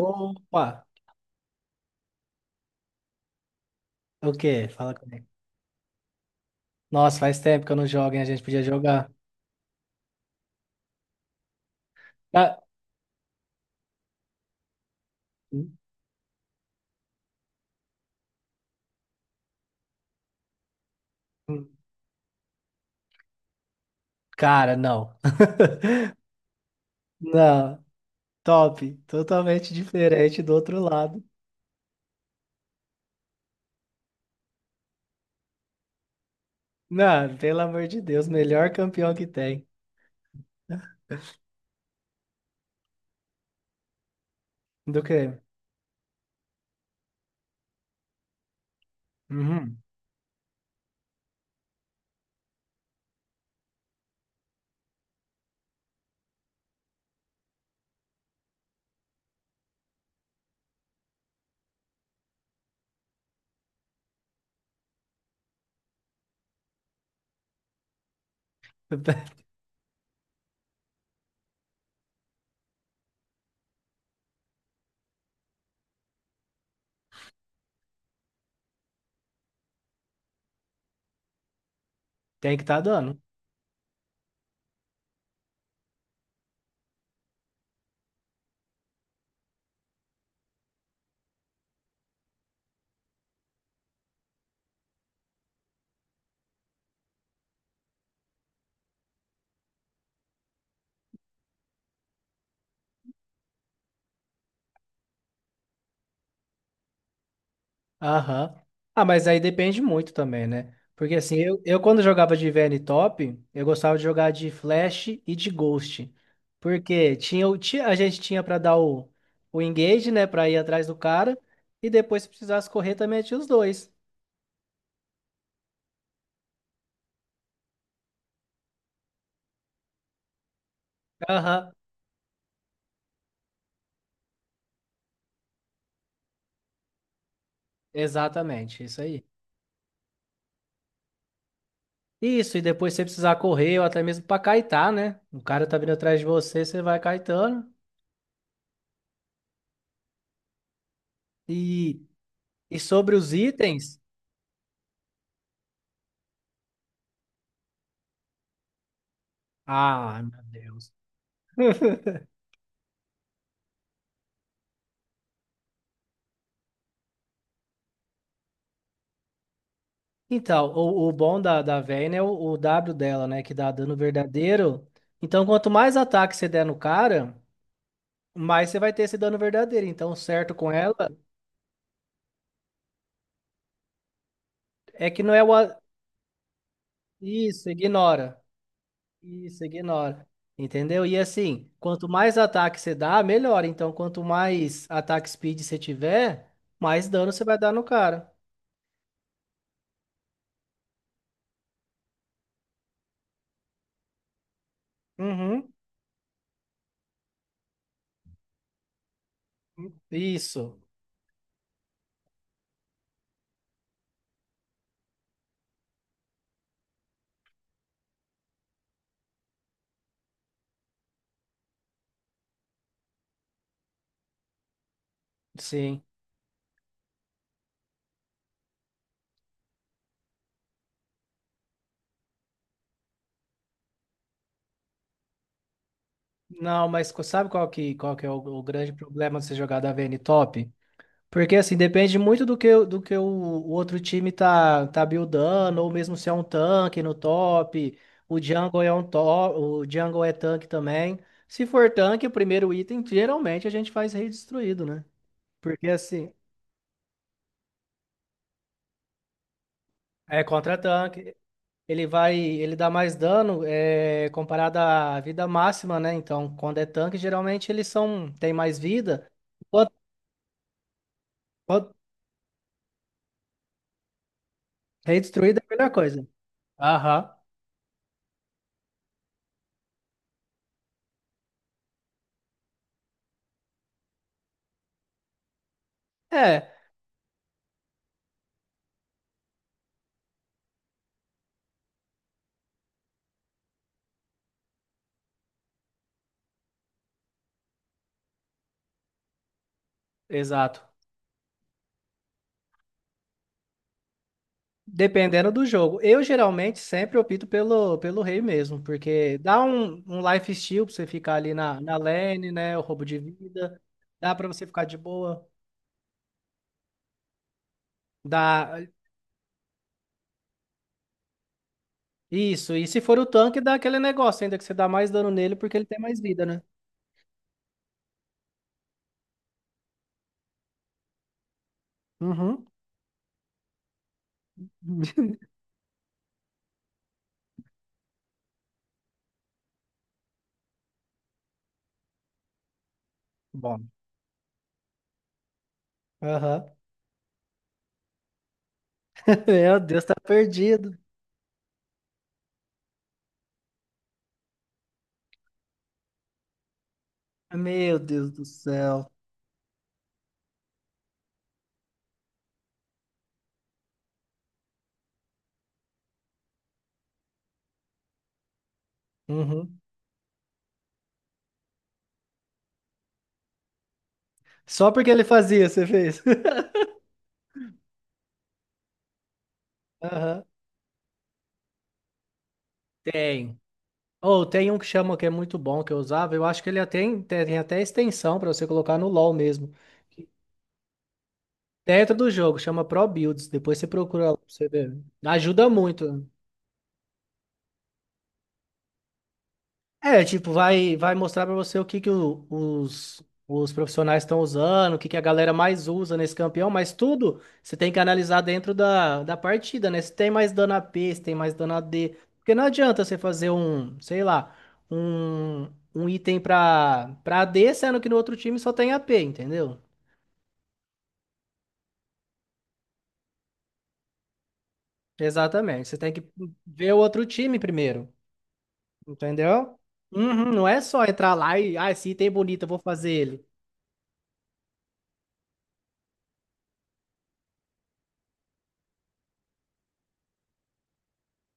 Opa! O quê? Fala comigo. Nossa, faz tempo que eu não jogo, hein? A gente podia jogar. Ah, cara, não. Não, top. Totalmente diferente do outro lado. Não, pelo amor de Deus, melhor campeão que tem. Do que? Uhum. Tem que estar dando. Aham. Ah, mas aí depende muito também, né? Porque assim, eu quando jogava de VN Top, eu gostava de jogar de Flash e de Ghost. Porque tinha, a gente tinha pra dar o engage, né? Pra ir atrás do cara. E depois, se precisasse correr, também tinha os dois. Aham. Exatamente, isso aí. Isso, e depois se você precisar correr, ou até mesmo pra caitar, né? O cara tá vindo atrás de você, você vai caetando. E, e sobre os itens. Ah, meu Deus. Então, o bom da Vayne é o W dela, né? Que dá dano verdadeiro. Então, quanto mais ataque você der no cara, mais você vai ter esse dano verdadeiro. Então, o certo com ela é que não é Isso, ignora. Isso, ignora. Entendeu? E assim, quanto mais ataque você dá, melhor. Então, quanto mais ataque speed você tiver, mais dano você vai dar no cara. Uhum. Isso, sim. Não, mas sabe qual que é o grande problema de você jogar da Vayne top? Porque assim, depende muito do que, do que o outro time tá buildando, ou mesmo se é um tanque no top, o jungle é um top, o jungle é tanque também. Se for tanque, o primeiro item, geralmente a gente faz rei destruído, né? Porque assim, é contra-tanque, ele vai, ele dá mais dano é, comparado à vida máxima, né? Então, quando é tanque, geralmente eles são, tem mais vida. Enquanto- enquanto Rei destruído é a melhor coisa. Aham. É, exato. Dependendo do jogo. Eu geralmente sempre opto pelo rei mesmo, porque dá um lifesteal pra você ficar ali na lane, né? O roubo de vida. Dá pra você ficar de boa. Dá. Isso. E se for o tanque, dá aquele negócio ainda que você dá mais dano nele porque ele tem mais vida, né? Uhum. Bom. Aham. Meu Deus, tá perdido. Meu Deus do céu. Uhum. Só porque ele fazia, você fez. Aham. Tem. Ou tem um que chama que é muito bom que eu usava. Eu acho que ele até tem, tem até extensão para você colocar no LoL mesmo. Dentro do jogo, chama Pro Builds. Depois você procura lá pra você ver. Ajuda muito. Né? É, tipo, vai, vai mostrar pra você o que que os profissionais estão usando, o que que a galera mais usa nesse campeão, mas tudo você tem que analisar dentro da partida, né? Se tem mais dano AP, se tem mais dano AD. Porque não adianta você fazer um, sei lá, um item pra, pra A d sendo que no outro time só tem a p, entendeu? Exatamente. Você tem que ver o outro time primeiro, entendeu? Uhum, não é só entrar lá e, ah, esse item é bonito, eu vou fazer ele.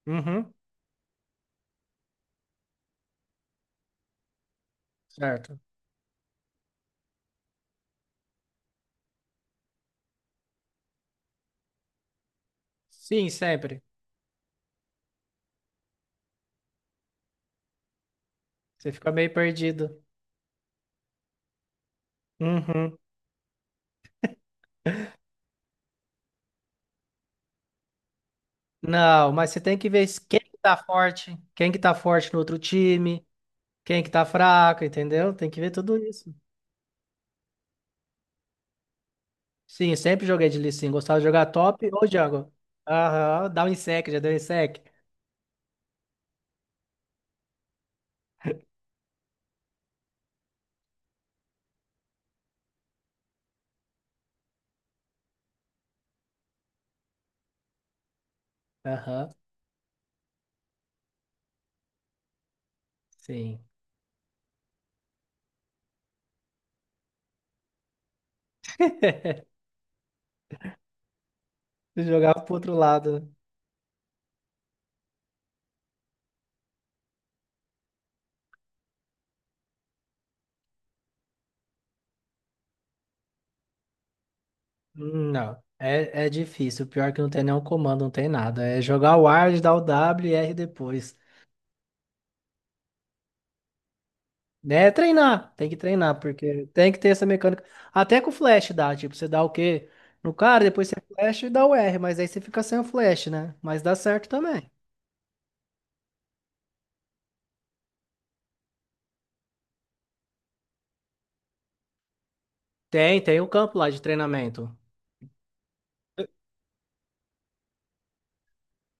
Uhum, certo. Sim, sempre. Você fica meio perdido. Uhum. Não, mas você tem que ver quem que tá forte, quem que tá forte no outro time, quem que tá fraco, entendeu? Tem que ver tudo isso. Sim, sempre joguei de Lee Sin. Gostava de jogar top ou jungle. Aham, dá um insec, já deu um insec. Aham, sim. Jogava pro outro lado. Né? Não, é difícil. O pior é que não tem nenhum comando, não tem nada. É jogar o ward, dar o W e R depois. Né é treinar, tem que treinar, porque tem que ter essa mecânica. Até com o flash dá, tipo, você dá o Q no cara, depois você flash e dá o R, mas aí você fica sem o flash, né? Mas dá certo também. Tem, tem um campo lá de treinamento.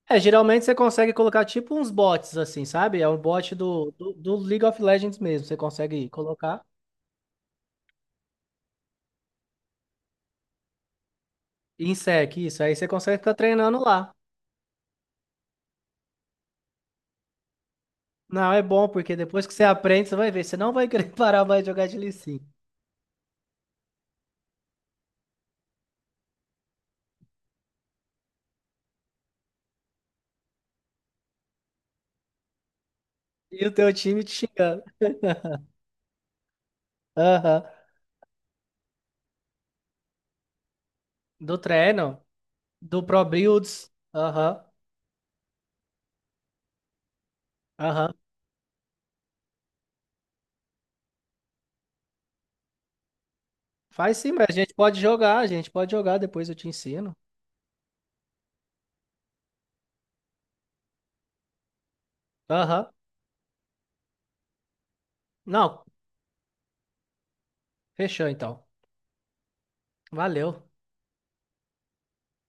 É, geralmente você consegue colocar tipo uns bots assim, sabe? É um bot do League of Legends mesmo, você consegue colocar. Insec, isso, aí você consegue ficar treinando lá. Não, é bom, porque depois que você aprende, você vai ver, você não vai querer parar mais de jogar de Lee Sin. E o teu time te xingando. Aham. Do treino. Do Pro Builds. Aham, aham. Faz sim, mas a gente pode jogar, depois eu te ensino. Aham. Não, fechou então. Valeu.